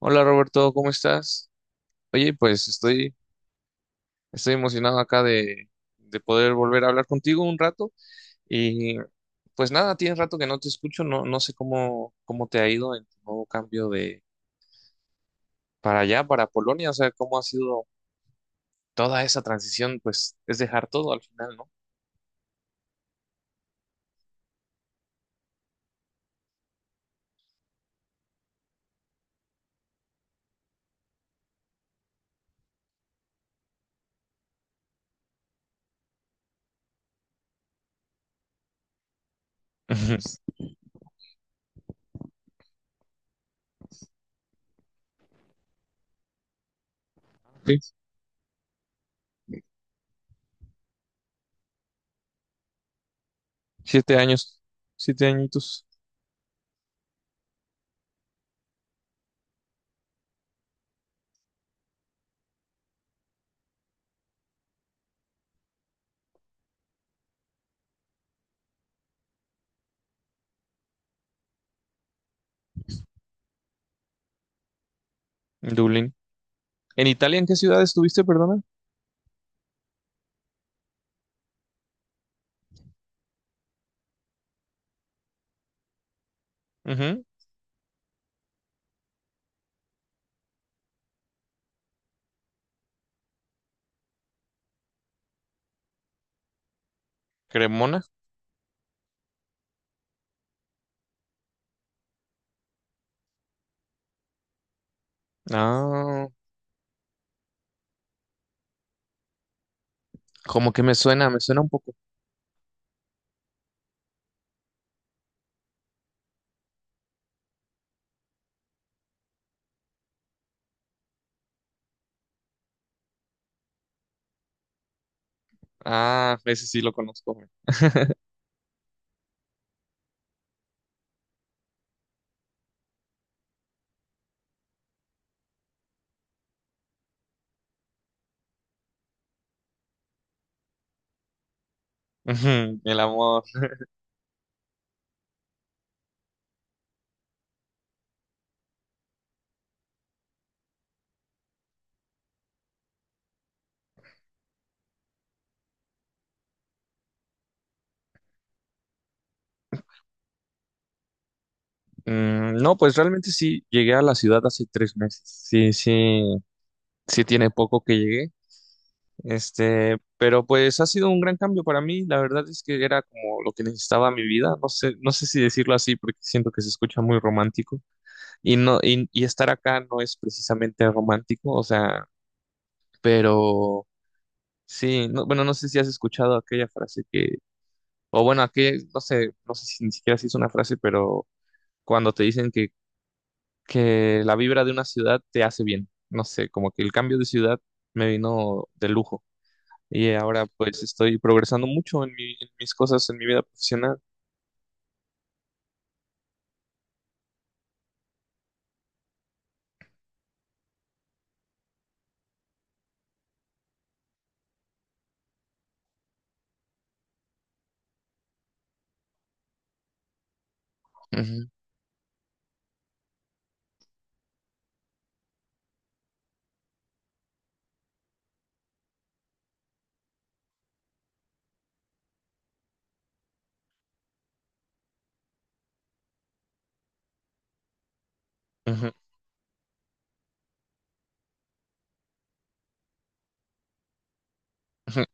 Hola Roberto, ¿cómo estás? Oye, pues estoy emocionado acá de poder volver a hablar contigo un rato y pues nada, tienes rato que no te escucho, no, no sé cómo te ha ido en tu nuevo cambio de para allá, para Polonia, o sea, cómo ha sido toda esa transición, pues es dejar todo al final, ¿no? Ujú. Sí, 7 años, 7 añitos en Dublín. ¿En Italia en qué ciudad estuviste, perdona? Ujú, Cremona. Ah, como que me suena un poco. Ah, ese sí lo conozco, güey. Ujú, el amor. No, pues realmente sí, llegué a la ciudad hace 3 meses. Sí, sí, sí tiene poco que llegué. Pero pues ha sido un gran cambio para mí. La verdad es que era como lo que necesitaba mi vida. No sé, no sé si decirlo así porque siento que se escucha muy romántico. Y no, y estar acá no es precisamente romántico, o sea, pero sí, no, bueno, no sé si has escuchado aquella frase que, o bueno, aquella, no sé, no sé si ni siquiera si es una frase, pero cuando te dicen que la vibra de una ciudad te hace bien. No sé, como que el cambio de ciudad me vino de lujo. Y ahora pues estoy progresando mucho en en mis cosas, en mi vida profesional. Ujú, ujú, ujú.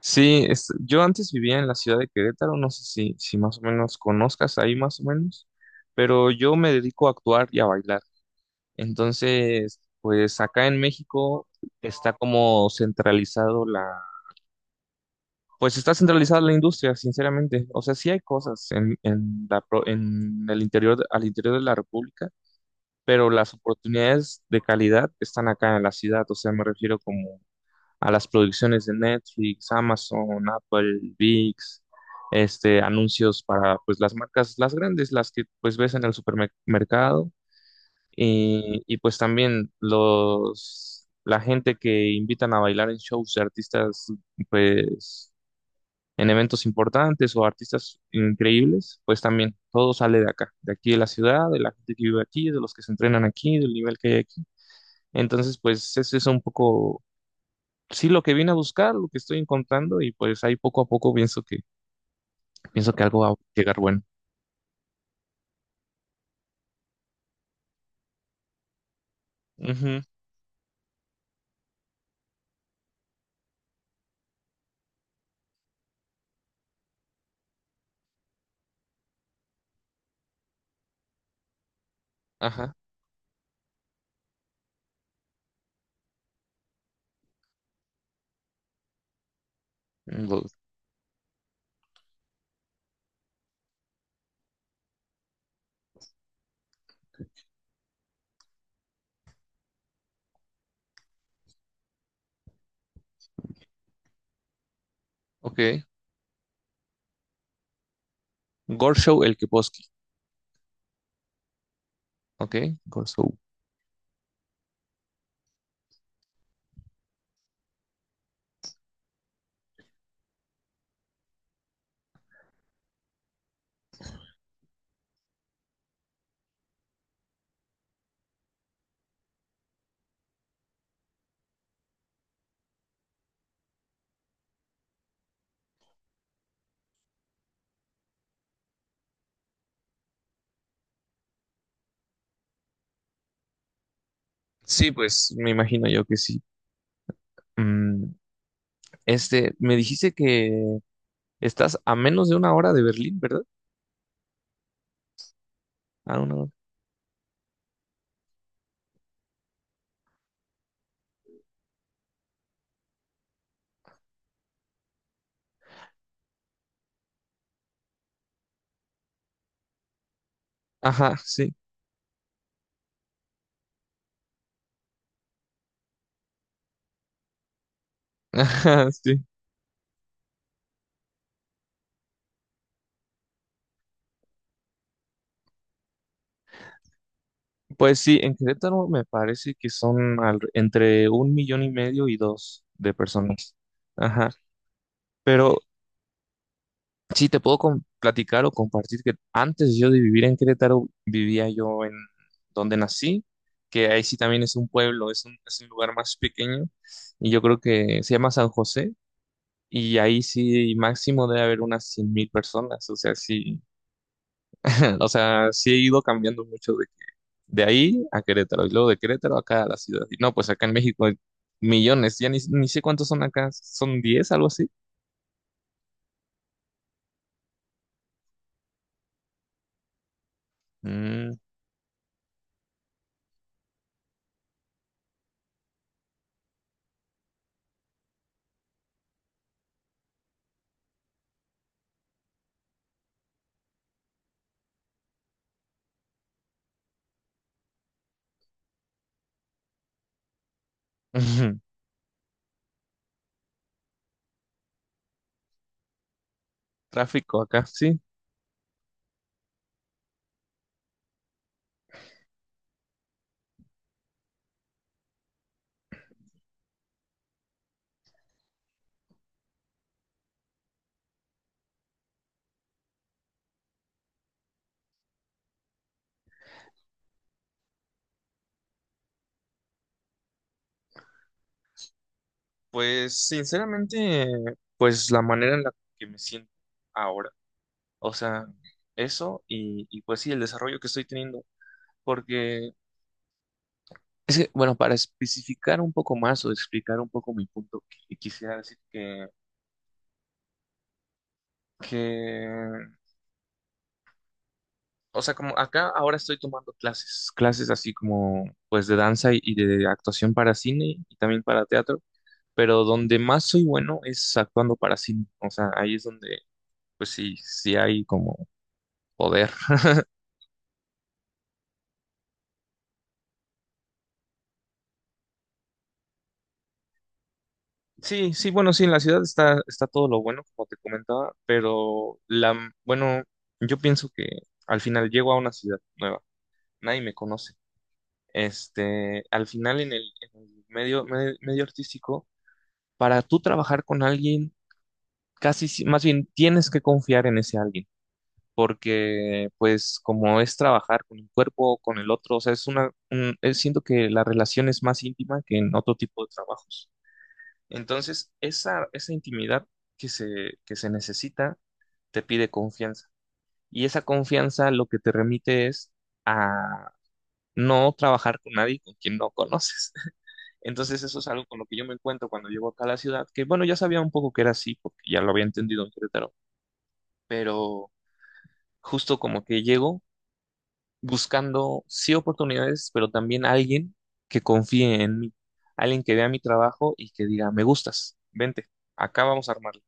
Sí, yo antes vivía en la ciudad de Querétaro, no sé si, si más o menos conozcas ahí más o menos, pero yo me dedico a actuar y a bailar. Entonces, pues acá en México está como centralizado. Pues está centralizada la industria, sinceramente. O sea, sí hay cosas en en el interior, al interior de la República, pero las oportunidades de calidad están acá en la ciudad. O sea, me refiero como a las producciones de Netflix, Amazon, Apple, VIX, anuncios para pues las marcas, las grandes, las que pues ves en el supermercado. Y pues también la gente que invitan a bailar en shows de artistas, pues en eventos importantes o artistas increíbles, pues también todo sale de acá, de aquí de la ciudad, de la gente que vive aquí, de los que se entrenan aquí, del nivel que hay aquí. Entonces, pues eso es un poco, sí, lo que vine a buscar, lo que estoy encontrando y pues ahí poco a poco pienso que algo va a llegar bueno. Ujú, ajá, Go- ok. Gorshow el Keposki, ok, Gorshow. Sí, pues me imagino yo que sí. Mm, Me dijiste que estás a menos de 1 hora de Berlín, ¿verdad? A 1 hora. Ajá, sí. Ajá, sí. Pues sí, en Querétaro me parece que son entre 1,5 millones y dos de personas. Ajá. Pero sí, te puedo platicar o compartir que antes yo de vivir en Querétaro, vivía yo en donde nací, que ahí sí también es un pueblo, es un lugar más pequeño, y yo creo que se llama San José, y ahí sí máximo debe haber unas 100 mil personas, o sea, sí, o sea, sí he ido cambiando mucho de ahí a Querétaro, y luego de Querétaro acá a la ciudad. Y no, pues acá en México hay millones, ya ni, ni sé cuántos son acá, son diez algo así. Mm, Tráfico acá, sí. Pues sinceramente, pues la manera en la que me siento ahora, o sea, eso y pues sí, el desarrollo que estoy teniendo, porque es que, bueno, para especificar un poco más o explicar un poco mi punto, quisiera decir que o sea, como acá ahora estoy tomando clases, clases así como pues de danza y de actuación para cine y también para teatro, pero donde más soy bueno es actuando para cine. O sea, ahí es donde pues sí, sí hay como poder. Sí, sí, bueno, sí, en la ciudad está, está todo lo bueno, como te comentaba, pero la, bueno, yo pienso que al final llego a una ciudad nueva, nadie me conoce. Al final en el medio, medio artístico, para tú trabajar con alguien casi, más bien tienes que confiar en ese alguien, porque pues como es trabajar con un cuerpo, con el otro, o sea, siento que la relación es más íntima que en otro tipo de trabajos. Entonces, esa intimidad que se necesita te pide confianza. Y esa confianza lo que te remite es a no trabajar con nadie con quien no conoces. Entonces eso es algo con lo que yo me encuentro cuando llego acá a la ciudad, que bueno, ya sabía un poco que era así, porque ya lo había entendido en Querétaro, pero justo como que llego buscando sí oportunidades, pero también alguien que confíe en mí, alguien que vea mi trabajo y que diga, me gustas, vente, acá vamos a armarlo.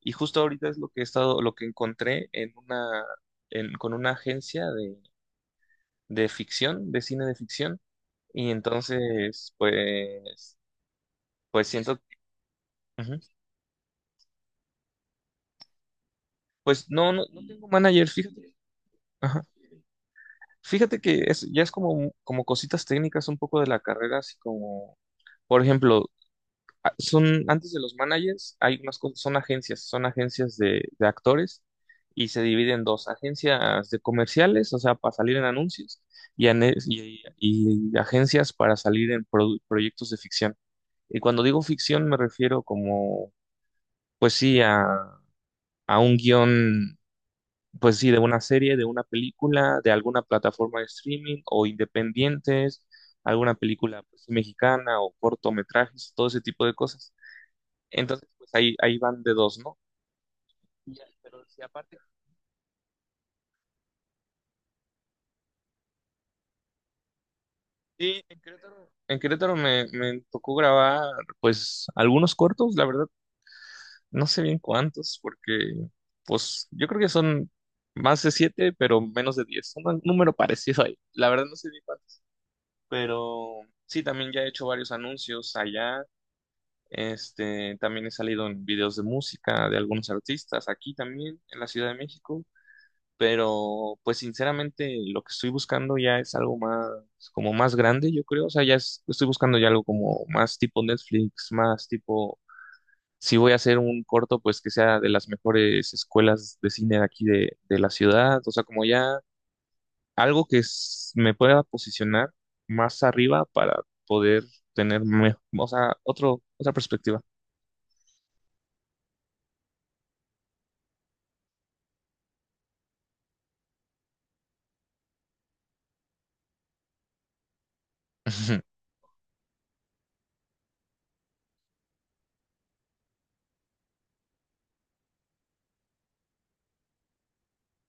Y justo ahorita es lo que he estado, lo que encontré en una, con una agencia de ficción, de cine de ficción, y entonces, pues, pues siento, ujú. Pues no, no, no tengo manager, fíjate. Ajá. Fíjate que es, ya es como, como cositas técnicas un poco de la carrera, así como por ejemplo, son, antes de los managers, hay unas cosas, son agencias de actores y se dividen en dos, agencias de comerciales, o sea, para salir en anuncios, y, y agencias para salir en proyectos de ficción. Y cuando digo ficción me refiero como, pues sí, a un guión, pues sí, de una serie, de una película, de alguna plataforma de streaming o independientes, alguna película pues, mexicana o cortometrajes, todo ese tipo de cosas. Entonces, pues ahí, ahí van de dos, ¿no? Y ya, pero si aparte. Sí, en Querétaro me, me tocó grabar, pues, algunos cortos, la verdad, no sé bien cuántos, porque, pues, yo creo que son más de 7, pero menos de 10, un número parecido ahí, la verdad no sé bien cuántos, pero sí, también ya he hecho varios anuncios allá, también he salido en videos de música de algunos artistas, aquí también, en la Ciudad de México, pero pues sinceramente lo que estoy buscando ya es algo más, como más grande, yo creo, o sea, ya estoy buscando ya algo como más tipo Netflix, más tipo, si voy a hacer un corto, pues que sea de las mejores escuelas de cine de aquí de la ciudad, o sea, como ya algo que me pueda posicionar más arriba para poder tener, o sea, otro, otra perspectiva.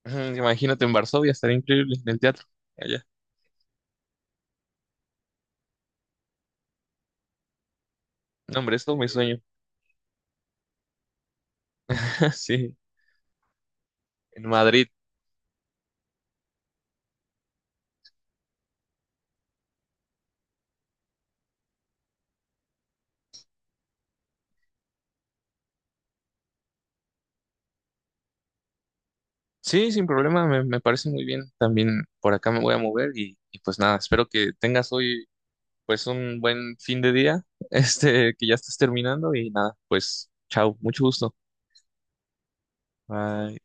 Ujú, imagínate en Varsovia, estaría increíble en el teatro. Allá. No, hombre, esto me sueño. Sí, en Madrid. Sí, sin problema, me parece muy bien. También por acá me voy a mover y pues nada, espero que tengas hoy pues un buen fin de día, que ya estés terminando y nada, pues chao, mucho gusto. Bye.